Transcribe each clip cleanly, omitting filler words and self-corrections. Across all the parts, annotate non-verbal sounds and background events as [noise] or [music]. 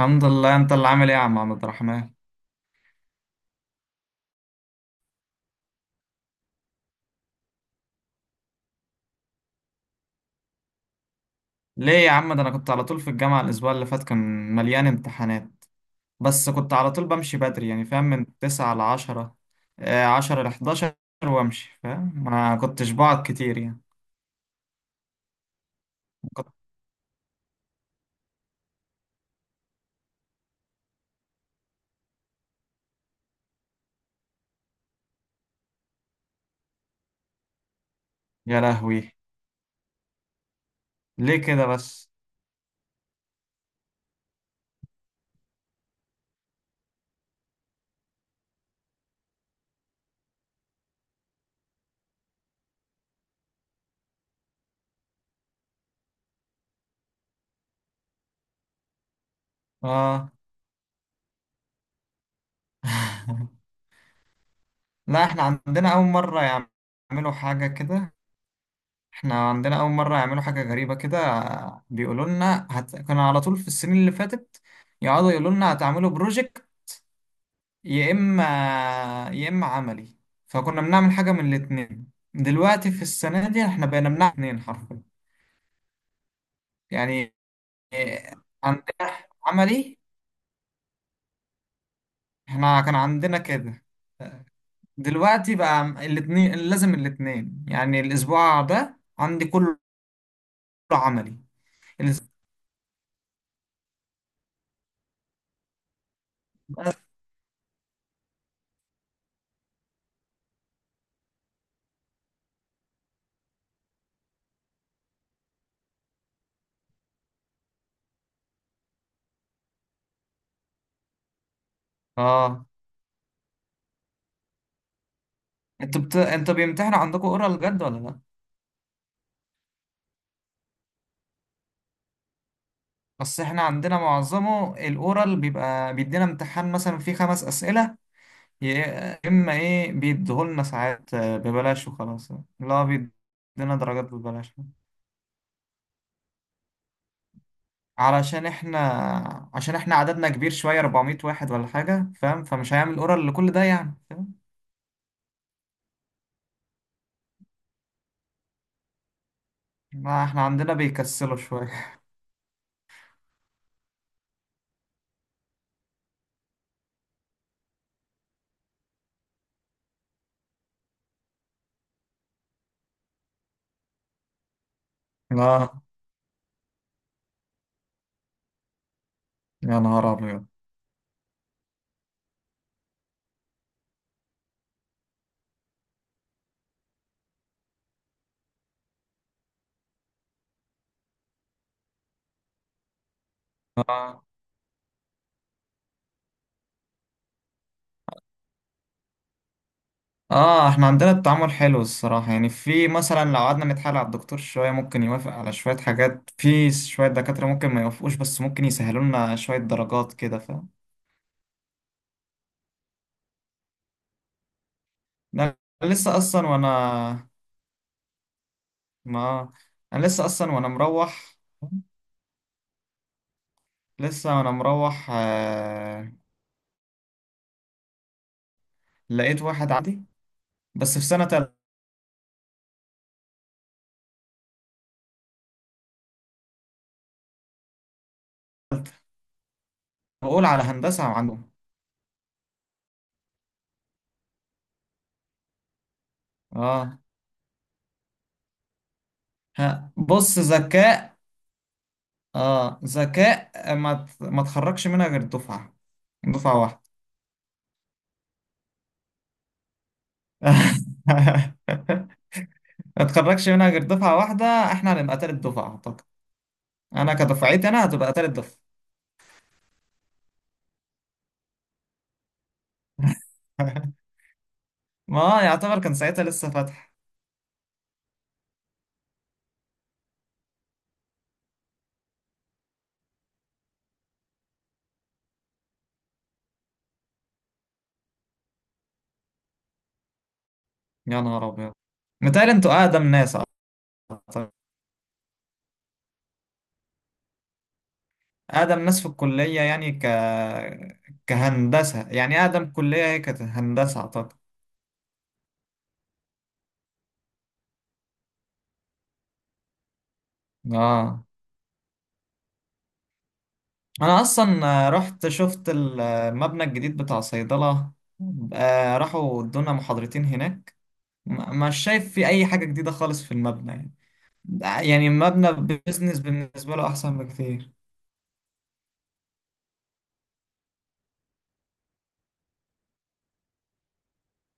الحمد لله، انت اللي عامل ايه يا عم عبد الرحمن؟ ليه يا عم؟ ده انا كنت على طول في الجامعة. الاسبوع اللي فات كان مليان امتحانات. بس كنت على طول بمشي بدري، يعني فاهم، من 9 لـ 10. آه، 10 لـ 11. وامشي، فاهم، ما كنتش بقعد كتير يعني. كنت... يا لهوي! ليه كده بس؟ اه. [laughs] لا، احنا عندنا اول مرة يعملوا حاجة كده. احنا عندنا اول مرة يعملوا حاجة غريبة كده. آه، بيقولوا لنا كنا على طول في السنين اللي فاتت يقعدوا يقولوا لنا هتعملوا بروجكت. يا اما يا اما عملي. فكنا بنعمل حاجه من الاتنين. دلوقتي في السنه دي احنا بقينا بنعمل اتنين حرفيا. يعني إيه، عندنا عملي. احنا كان عندنا كده. دلوقتي بقى الاتنين لازم الاتنين، يعني الاسبوع ده عندي كله عملي. الاس- اه. انتوا بيمتحنوا عندكم اورال جد ولا لا؟ بس احنا عندنا معظمه الاورال بيبقى بيدينا امتحان مثلا فيه خمس اسئله. يا إما إيه بيديهولنا ساعات، ببلاش وخلاص. لا، بيدينا درجات ببلاش. علشان إحنا عشان إحنا عددنا كبير شوية، 400 واحد ولا حاجة، فاهم؟ فمش هيعمل أورال لكل ده، يعني فاهم. ما إحنا عندنا بيكسلوا شوية. [laughs] لا. يا نهار أبيض! آه، آه، إحنا عندنا التعامل حلو الصراحة، يعني في مثلا لو قعدنا نتحايل على الدكتور شوية ممكن يوافق على شوية حاجات، في شوية دكاترة ممكن ما يوافقوش، بس ممكن يسهلوا لنا شوية درجات كده. ده أنا لسه اصلا وانا ما انا لسه اصلا وانا مروح، لسه وانا مروح، لقيت واحد عندي. بس في سنة تالتة. بقول على هندسة عندهم. اه. ها، بص، ذكاء. اه، ذكاء ما تخرجش منها غير دفعة واحدة. [laughs] ما تخرجش منها غير دفعة واحدة. احنا هنبقى تالت دفعة اعتقد. انا كدفعتي انا هتبقى تالت دفعة. [laughs] ما يعتبر كان ساعتها لسه فاتح. يا نهار ابيض. متهيألي انتوا اقدم ناس. أعتقد. اقدم ناس في الكلية، يعني كهندسة، يعني اقدم كلية هي كانت هندسة اعتقد. اه. انا اصلا رحت شفت المبنى الجديد بتاع صيدلة. آه، راحوا ادونا محاضرتين هناك. مش شايف في اي حاجة جديدة خالص في المبنى يعني. يعني المبنى بيزنس بالنسبة له احسن بكتير.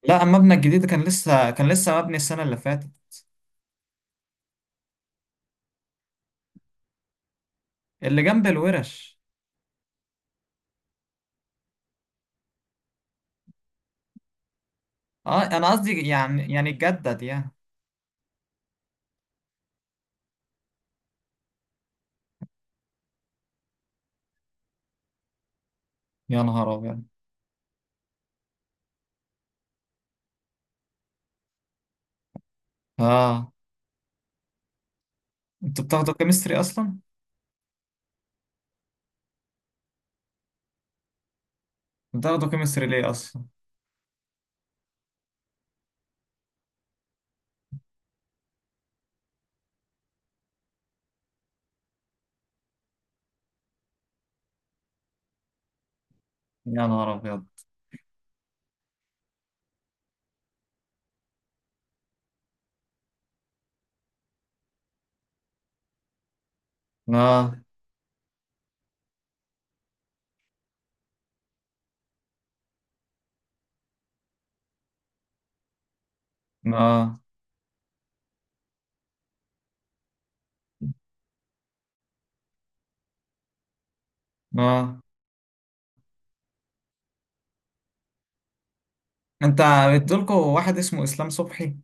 لا، المبنى الجديد كان لسه مبني السنة اللي فاتت. اللي جنب الورش. اه، انا قصدي يعني اتجدد يعني. يا نهار ابيض. اه. انتوا بتاخدوا كيمستري اصلا؟ بتاخدوا كيمستري ليه اصلا؟ يا نهار ابيض. اه، اه، اه. انت بتقولكوا واحد اسمه اسلام صبحي؟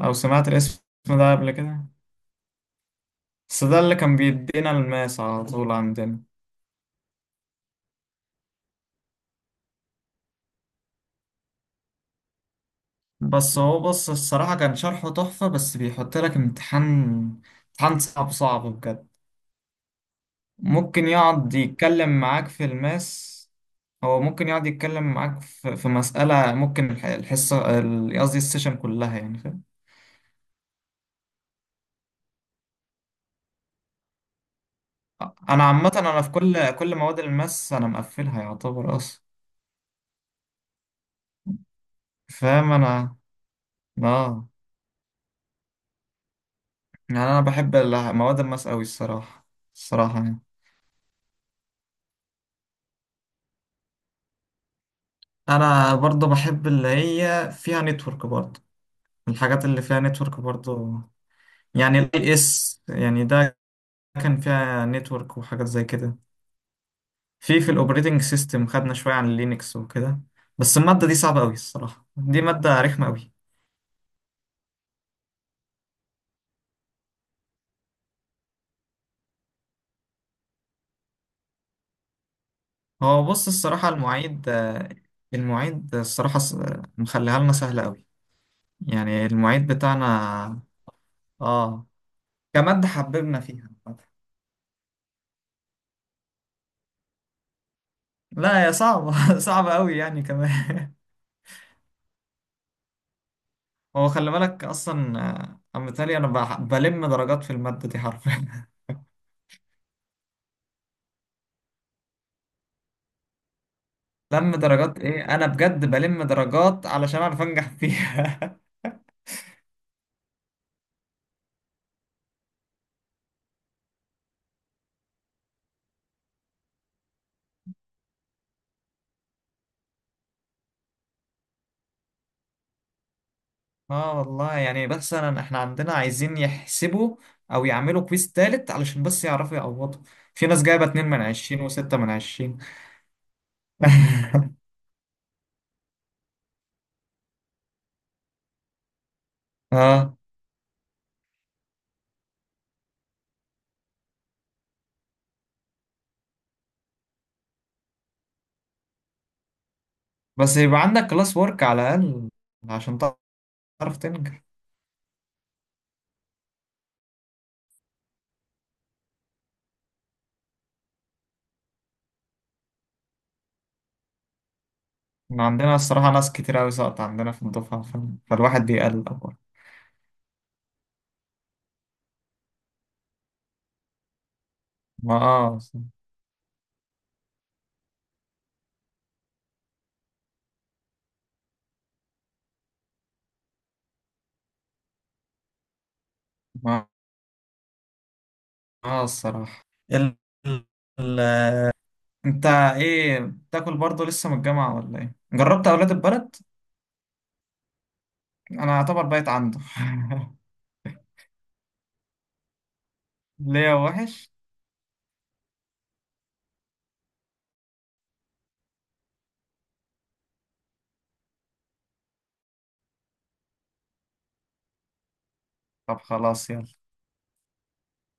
او سمعت الاسم ده قبل كده. بس ده اللي كان بيدينا الماس على طول عندنا. بس هو بص الصراحة كان شرحه تحفة، بس بيحط لك امتحان. امتحان صعب صعب بجد. ممكن يقعد يتكلم معاك في الماس. هو ممكن يقعد يتكلم معاك في مسألة، ممكن الحصة، قصدي السيشن كلها، يعني فاهم. أنا عامة أنا في كل مواد الماس أنا مقفلها يعتبر أصلا. فاهم أنا. آه. يعني أنا بحب مواد الماس أوي الصراحة. الصراحة يعني. أنا برضه بحب اللي هي فيها نتورك برضه. الحاجات اللي فيها نتورك برضه. يعني الاي اس يعني ده. كان فيها نتورك وحاجات زي كده. في الاوبريتنج سيستم خدنا شويه عن لينكس وكده. بس الماده دي صعبه قوي الصراحه، دي ماده رخمه قوي. هو بص الصراحه المعيد، المعيد الصراحه مخليها لنا سهله قوي. يعني المعيد بتاعنا. اه. كماده حببنا فيها. لا، هي صعبه. [laughs] صعبه قوي يعني كمان. هو خلي بالك اصلا، انا بالتالي انا بلم درجات في الماده دي حرفيا. [laughs] لم درجات ايه، انا بجد بلم درجات علشان اعرف انجح فيها. [laughs] اه والله يعني. بس احنا عندنا عايزين يحسبوا. او يعملوا كويس تالت علشان بس يعرفوا يعوضوا. في ناس جايبة 2 من 20 و6 من 20. [laughs] اه. بس يبقى عندك كلاس ورك على الاقل عشان تعرف تنجح. إحنا عندنا الصراحة ناس كتير اوي سقط عندنا في الدفعة، فالواحد بيقلق برضه. ما اه. ما اه الصراحة. ال... ال... انت ايه بتاكل برضه لسه من الجامعة ولا ايه؟ جربت اولاد البلد؟ انا اعتبر بقيت عنده. [laughs] ليا وحش. طب خلاص يلا.